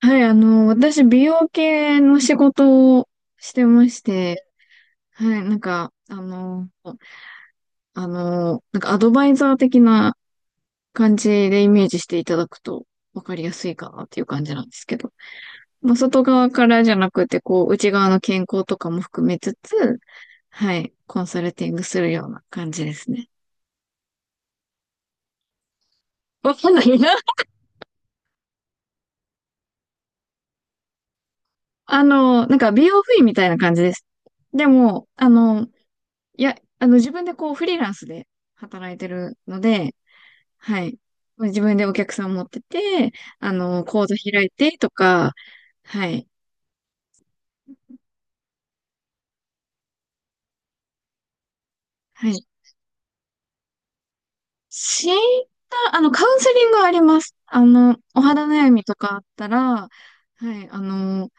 はい、私、美容系の仕事をしてまして、はい、アドバイザー的な感じでイメージしていただくと分かりやすいかなっていう感じなんですけど、まあ、外側からじゃなくて、こう、内側の健康とかも含めつつ、はい、コンサルティングするような感じですね。わかんないな。なんか美容不意みたいな感じです。でも、あの、いや、あの、自分でこう、フリーランスで働いてるので、はい。自分でお客さん持ってて、講座開いてとか、はい。はい。診断、カウンセリングはあります。お肌悩みとかあったら、はい、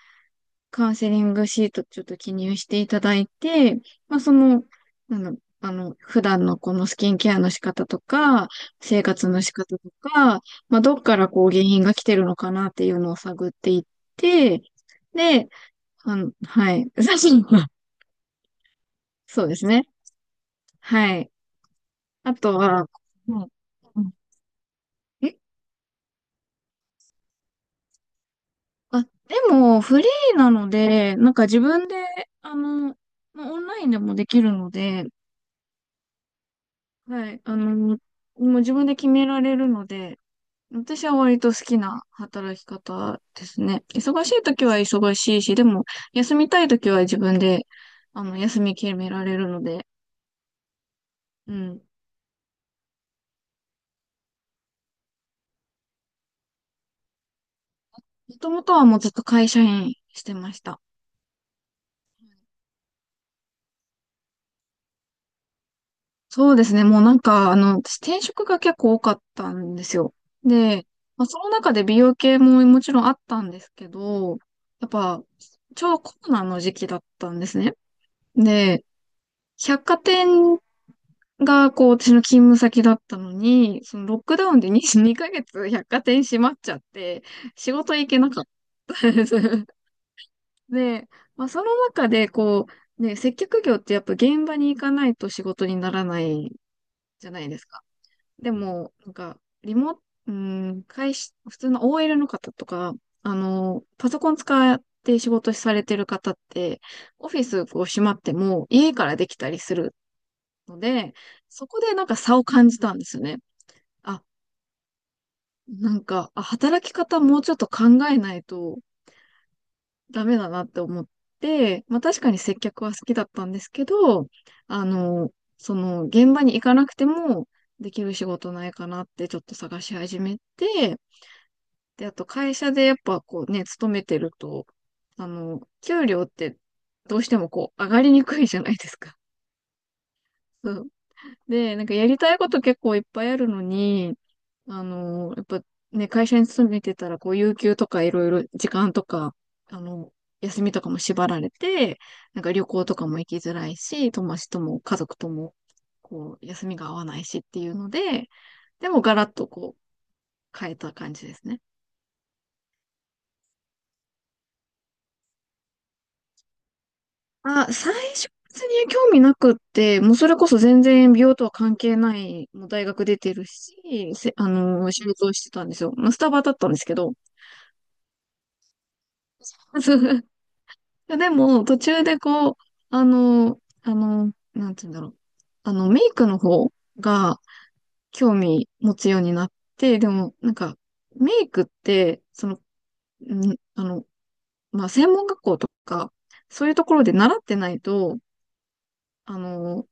カウンセリングシートちょっと記入していただいて、まあ、その、普段のこのスキンケアの仕方とか、生活の仕方とか、まあ、どっからこう原因が来てるのかなっていうのを探っていって、で、うん、はい。写真は、そうですね。はい。あとは、うんうんえあ、でも、フリーなので、なんか自分で、あの、まあオンラインでもできるので、はい、もう自分で決められるので、私は割と好きな働き方ですね。忙しい時は忙しいし、でも、休みたい時は自分で、休み決められるので、うん。もともとはもうずっと会社員してました。そうですね。もうなんか、あの、私転職が結構多かったんですよ。で、まあ、その中で美容系ももちろんあったんですけど、やっぱ、ちょうどコロナの時期だったんですね。で、百貨店がこう、私の勤務先だったのに、そのロックダウンで2ヶ月百貨店閉まっちゃって、仕事行けなかったんです。で、まあ、その中でこう、ね、接客業ってやっぱ現場に行かないと仕事にならないじゃないですか。でも、なんか、リモ、うん、会社、普通の OL の方とか、パソコン使って仕事されてる方って、オフィスこう閉まっても家からできたりするので、そこでなんか差を感じたんですよね。あ、なんか、あ、働き方もうちょっと考えないとダメだなって思って、まあ確かに接客は好きだったんですけど、あの、その現場に行かなくてもできる仕事ないかなってちょっと探し始めて、で、あと会社でやっぱこうね、勤めてると、給料ってどうしてもこう上がりにくいじゃないですか。そう。で、なんかやりたいこと結構いっぱいあるのに、やっぱね、会社に勤めてたらこう有給とかいろいろ時間とか、あの、休みとかも縛られて、なんか旅行とかも行きづらいし、友達とも家族とも、こう、休みが合わないしっていうので、でもガラッとこう、変えた感じですね。あ、最初別に興味なくって、もうそれこそ全然美容とは関係ない、もう大学出てるし、せ、あのー仕事をしてたんですよ。まあ、スタバだったんですけど。そう。でも、途中でこう、なんて言うんだろう。あの、メイクの方が興味持つようになって、でも、なんか、メイクって、その、んあの、まあ、専門学校とか、そういうところで習ってないと、あのー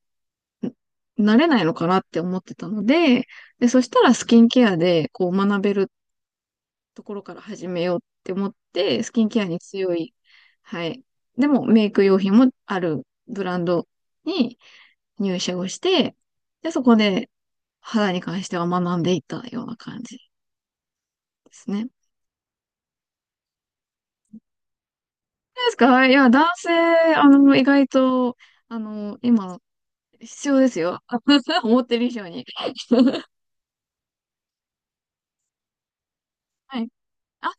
慣れないのかなって思ってたので、で、そしたらスキンケアでこう学べるところから始めようって思って、スキンケアに強い、はい。でもメイク用品もあるブランドに入社をして、で、そこで肌に関しては学んでいったような感じですね。どうですか？いや、男性、意外と、今、必要ですよ。思ってる以上に。はい。あ、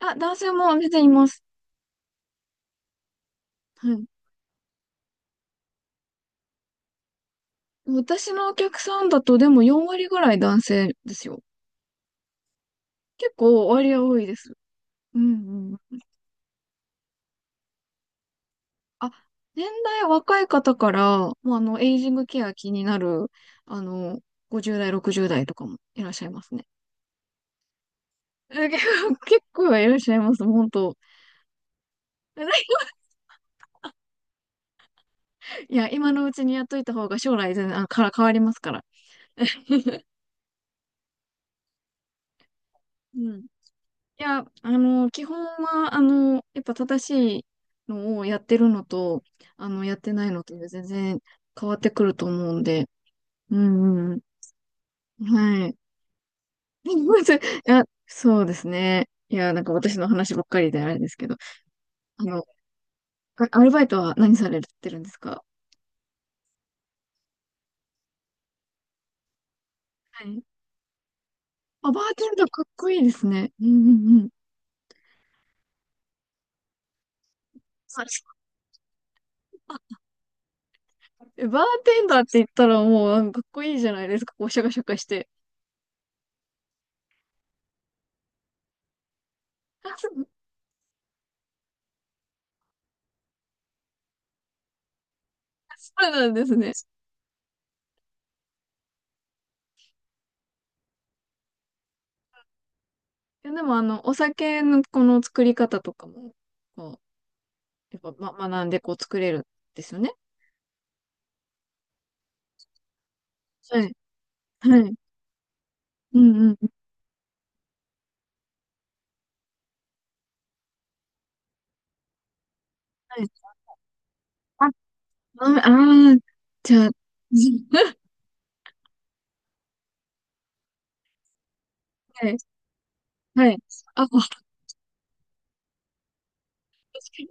あ、男性も全然います。はい。私のお客さんだとでも4割ぐらい男性ですよ。結構割合多いです。うんうん。あ、年代若い方から、もうあの、エイジングケア気になる、あの、50代、60代とかもいらっしゃいますね。結構 結構いらっしゃいます、本当。いや、今のうちにやっといた方が将来全然、あ、から変わりますから。うん。いや、基本は、やっぱ正しいのをやってるのと、やってないのとで全然変わってくると思うんで、うんうんうん。はい。まずいや、そうですね。いや、なんか私の話ばっかりであれですけど、あの、アルバイトは何されてるんですか？はい。あ、バーテンダーかっこいいですね。うんうんうん。ああえバーテンダーって言ったらもう、なんかかっこいいじゃないですか。こう、シャカシャカして。あ、そうそうなんですね。いやでもあの、お酒のこの作り方とかも、こう、やっぱ、ま、学んでこう作れるんですよね。はい。はい。うんうん。はい。あ、ああー、じゃあ、はい。はい。あ、もう確かに。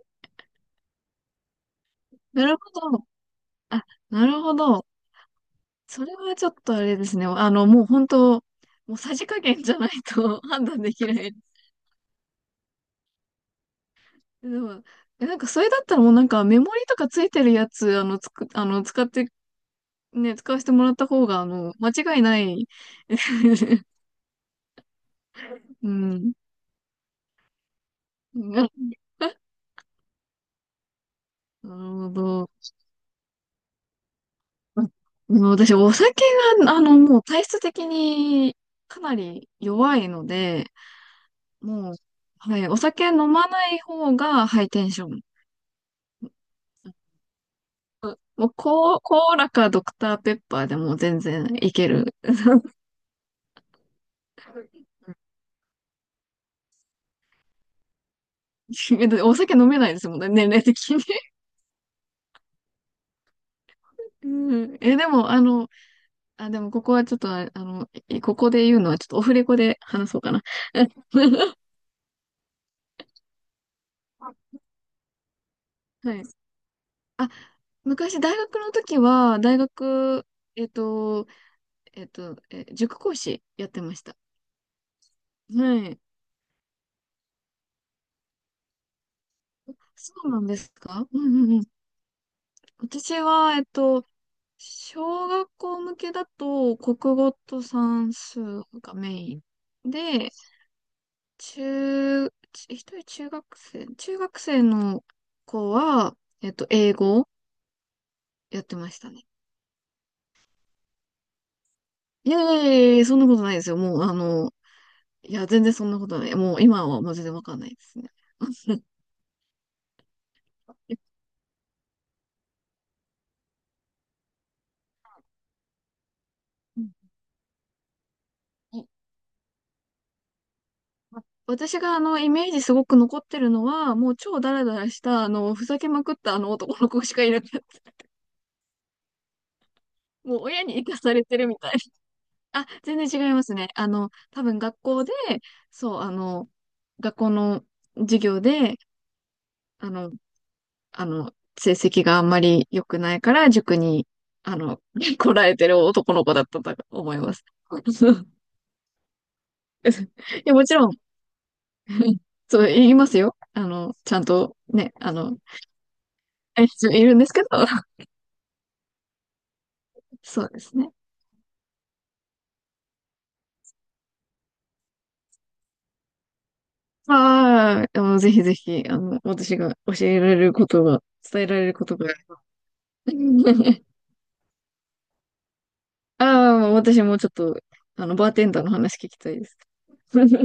なるほど。あ、なるほど。それはちょっとあれですね。もう本当、もうさじ加減じゃないと 判断できない。でも、えなんかそれだったらもうなんかメモリとかついてるやつ、あの、つく、あの、使ってね、使わせてもらった方が、間違いない。うん。なるほど。うん私、お酒が、もう体質的にかなり弱いので、もう、はい、お酒飲まない方がハイテンション。もう、コー、コーラかドクターペッパーでも全然いける。お酒飲めないですもんね、年齢的に。うん、え、でも、あ、でもここはちょっとあ、えここで言うのはちょっとオフレコで話そうかな。はい。あ、昔大学の時は、大学、えっと、塾講師やってました。はい。そうなんですか？うんうんうん。私は、えっと、小学校向けだと、国語と算数がメインで、中、ち一人中学生、中学生の子は、えっと、英語をやってましたね。いやいやいやいや、そんなことないですよ。もう、あの、いや、全然そんなことない。もう、今はもう全然わかんないですね。えうんい私が、イメージすごく残ってるのは、もう超ダラダラした、あの、ふざけまくったあの男の子しかいなかった。もう、親に生かされてるみたい。あ、全然違いますね。多分学校で、そう、あの、学校の授業で、あの、あの、成績があんまり良くないから、塾に、あの、来られてる男の子だったと思います。いや、もちろん、そう、言いますよ。ちゃんとね、えいるんですけど、そうですね。まあ、ぜひぜひ、私が教えられることが、伝えられることが。ああ、私もちょっと、バーテンダーの話聞きたいです。